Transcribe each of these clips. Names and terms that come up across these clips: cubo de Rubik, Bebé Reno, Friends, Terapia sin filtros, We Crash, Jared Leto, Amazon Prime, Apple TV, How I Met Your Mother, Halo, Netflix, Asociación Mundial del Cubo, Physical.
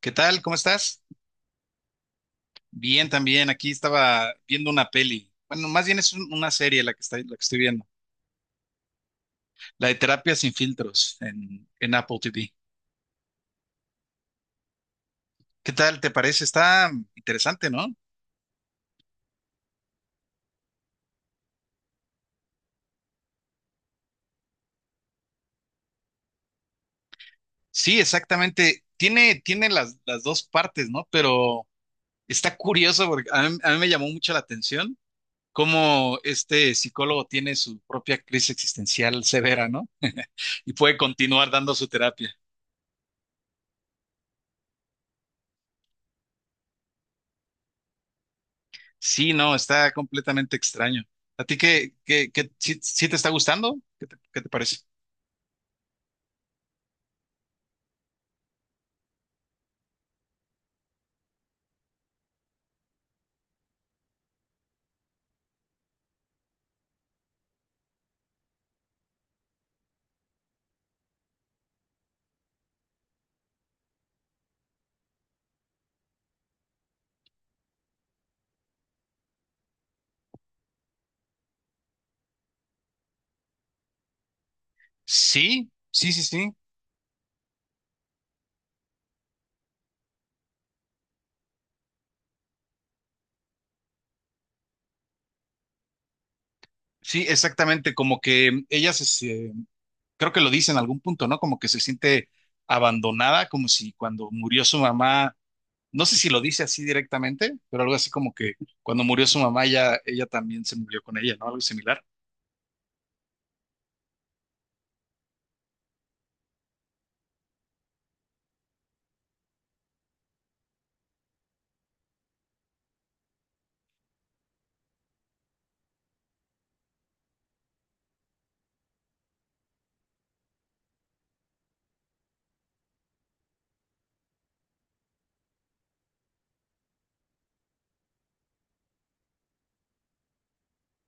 ¿Qué tal? ¿Cómo estás? Bien, también. Aquí estaba viendo una peli. Bueno, más bien es una serie la que la que estoy viendo. La de Terapia sin filtros en Apple TV. ¿Qué tal te parece? Está interesante, ¿no? Sí, exactamente. Tiene las dos partes, ¿no? Pero está curioso porque a mí me llamó mucho la atención cómo este psicólogo tiene su propia crisis existencial severa, ¿no? Y puede continuar dando su terapia. Sí, no, está completamente extraño. ¿A ti sí te está gustando? ¿Qué qué te parece? Sí, sí, sí, sí. Sí, exactamente. Como que ella creo que lo dice en algún punto, ¿no? Como que se siente abandonada, como si cuando murió su mamá, no sé si lo dice así directamente, pero algo así como que cuando murió su mamá, ya ella también se murió con ella, ¿no? Algo similar.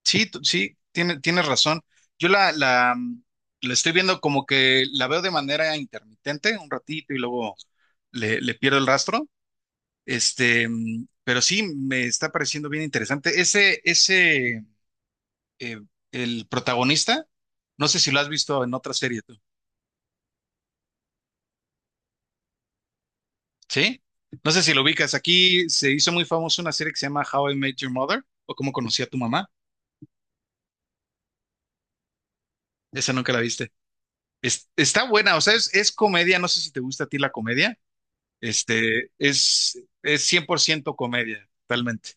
Sí, sí, tienes razón. Yo la estoy viendo como que la veo de manera intermitente un ratito y luego le pierdo el rastro. Pero sí, me está pareciendo bien interesante. Eh, el protagonista, no sé si lo has visto en otra serie tú, ¿sí? No sé si lo ubicas. Aquí se hizo muy famosa una serie que se llama How I Met Your Mother o Cómo conocí a tu mamá. Esa nunca la viste. Está buena, o sea, es comedia, no sé si te gusta a ti la comedia. Es 100% comedia, totalmente.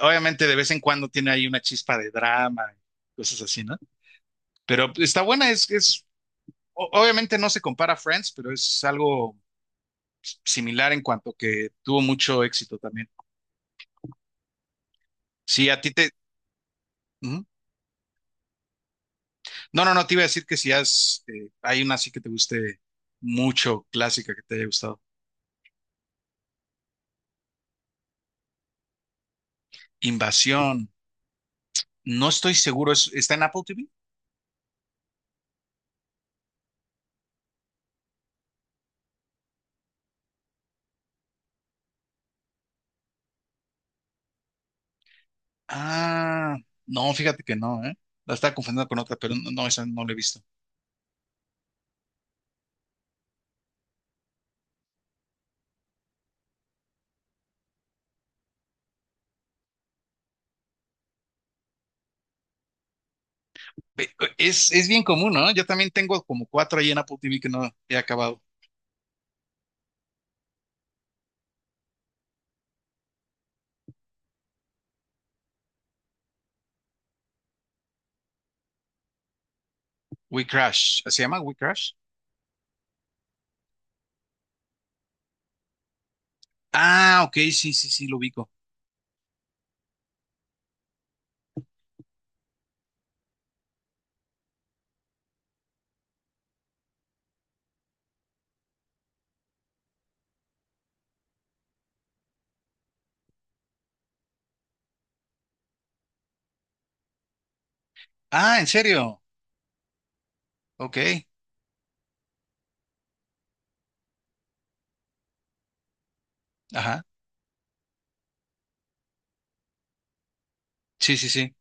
Obviamente de vez en cuando tiene ahí una chispa de drama, cosas así, ¿no? Pero está buena, obviamente no se compara a Friends, pero es algo similar en cuanto que tuvo mucho éxito también. Si a ti te... Ujú. No, no, no, te iba a decir que si has, hay una así que te guste mucho, clásica, que te haya gustado. Invasión, no estoy seguro, ¿está en Apple TV? Ah, no, fíjate que no, ¿eh? La estaba confundiendo con otra, pero no, no, esa no la he visto. Ve- es bien común, ¿no? Yo también tengo como cuatro ahí en Apple TV que no he acabado. We Crash, ¿se llama We Crash? Ah, ok, sí, sí, sí, lo ubico. Ah, ¿en serio? Ok, ajá, sí, sí, sí,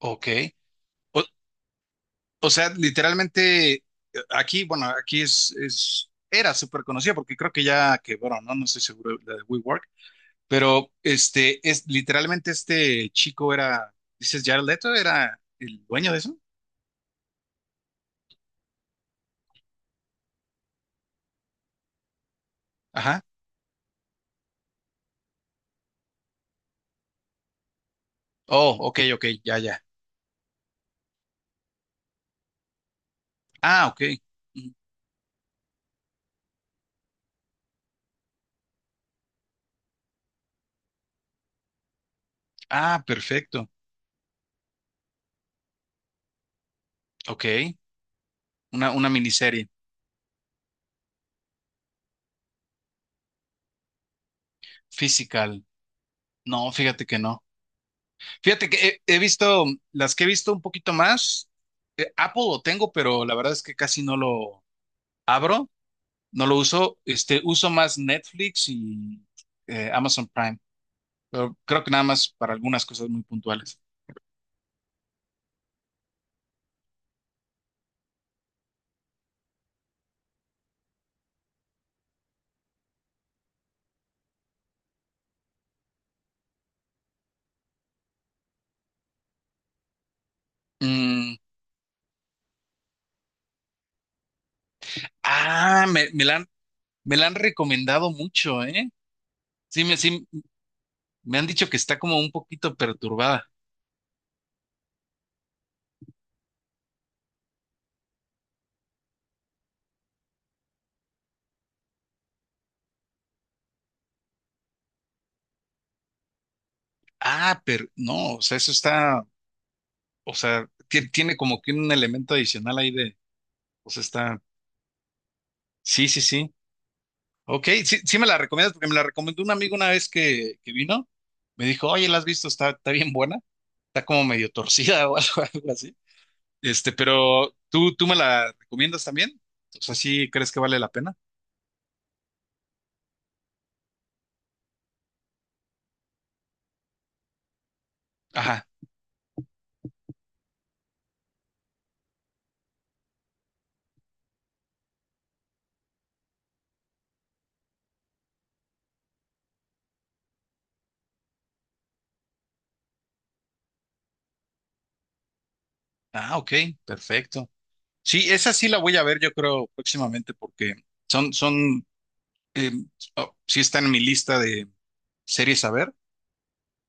ok. O, o sea, literalmente, aquí, bueno, aquí es, era súper conocida porque creo que ya quebró, ¿no? No estoy seguro, la de... Pero es literalmente este chico era, dices, Jared Leto era el dueño de eso. Ajá. Oh, ok, ok, ya, ya. Ah, ok. Mm. Ah, perfecto. Ok. Una miniserie. Physical. No, fíjate que no. Fíjate que he visto, las que he visto un poquito más, Apple lo tengo, pero la verdad es que casi no lo abro, no lo uso. Uso más Netflix y Amazon Prime, pero creo que nada más para algunas cosas muy puntuales. Mm, ah, me la han recomendado mucho, ¿eh? Sí, sí, me han dicho que está como un poquito perturbada. Ah, pero no, o sea, eso está, o sea, tiene como que un elemento adicional ahí de, o sea, está, sí, sí, sí. Ok, sí, sí me la recomiendas porque me la recomendó un amigo una vez que vino. Me dijo, oye, ¿la has visto? Está bien buena, está como medio torcida o algo, algo así. Pero tú me la recomiendas también. O sea, ¿sí crees que vale la pena? Ajá. Ah, ok, perfecto. Sí, esa sí la voy a ver, yo creo, próximamente, porque son, son, eh, oh, sí está en mi lista de series a ver.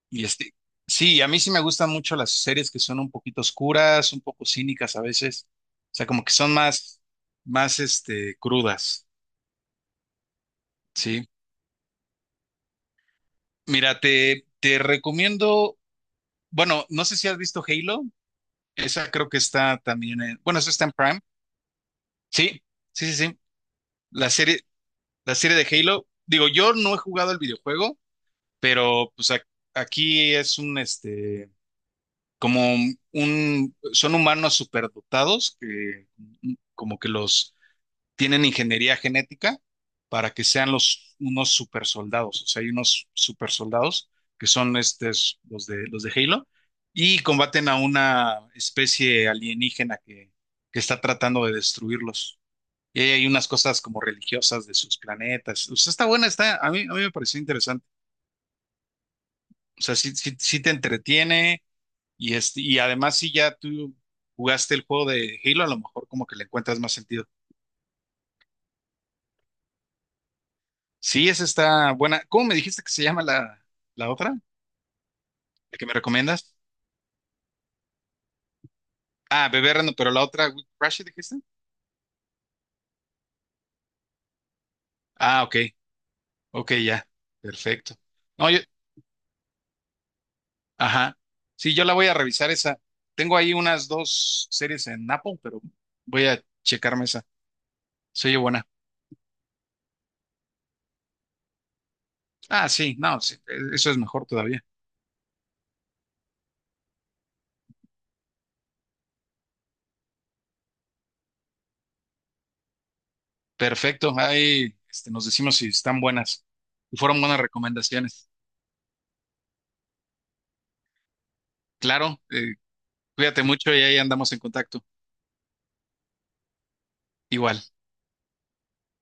Y sí, a mí sí me gustan mucho las series que son un poquito oscuras, un poco cínicas a veces. O sea, como que son más, crudas. Sí. Mira, te recomiendo, bueno, no sé si has visto Halo. Esa creo que está también en, bueno, eso está en Prime. Sí, sí, sí, sí. La serie. La serie de Halo, digo, yo no he jugado el videojuego, pero pues aquí es como un, son humanos superdotados que como que los tienen ingeniería genética para que sean los, unos supersoldados, o sea, hay unos supersoldados que son estos, los de Halo, y combaten a una especie alienígena que está tratando de destruirlos. Y ahí hay unas cosas como religiosas de sus planetas. O sea, está buena, está, a mí me pareció interesante. O sea, sí, sí, sí te entretiene y, y además si ya tú jugaste el juego de Halo, a lo mejor como que le encuentras más sentido. Sí, esa está buena. ¿Cómo me dijiste que se llama la otra? ¿La que me recomiendas? Ah, Bebé Reno, pero la otra, We Crash, dijiste. Ah, ok, ok, ya, perfecto. No, yo, ajá. Sí, yo la voy a revisar esa. Tengo ahí unas dos series en Apple, pero voy a checarme esa. Se oye buena. Ah, sí, no, sí, eso es mejor todavía. Perfecto, ahí nos decimos si están buenas. Y fueron buenas recomendaciones. Claro, cuídate mucho y ahí andamos en contacto. Igual.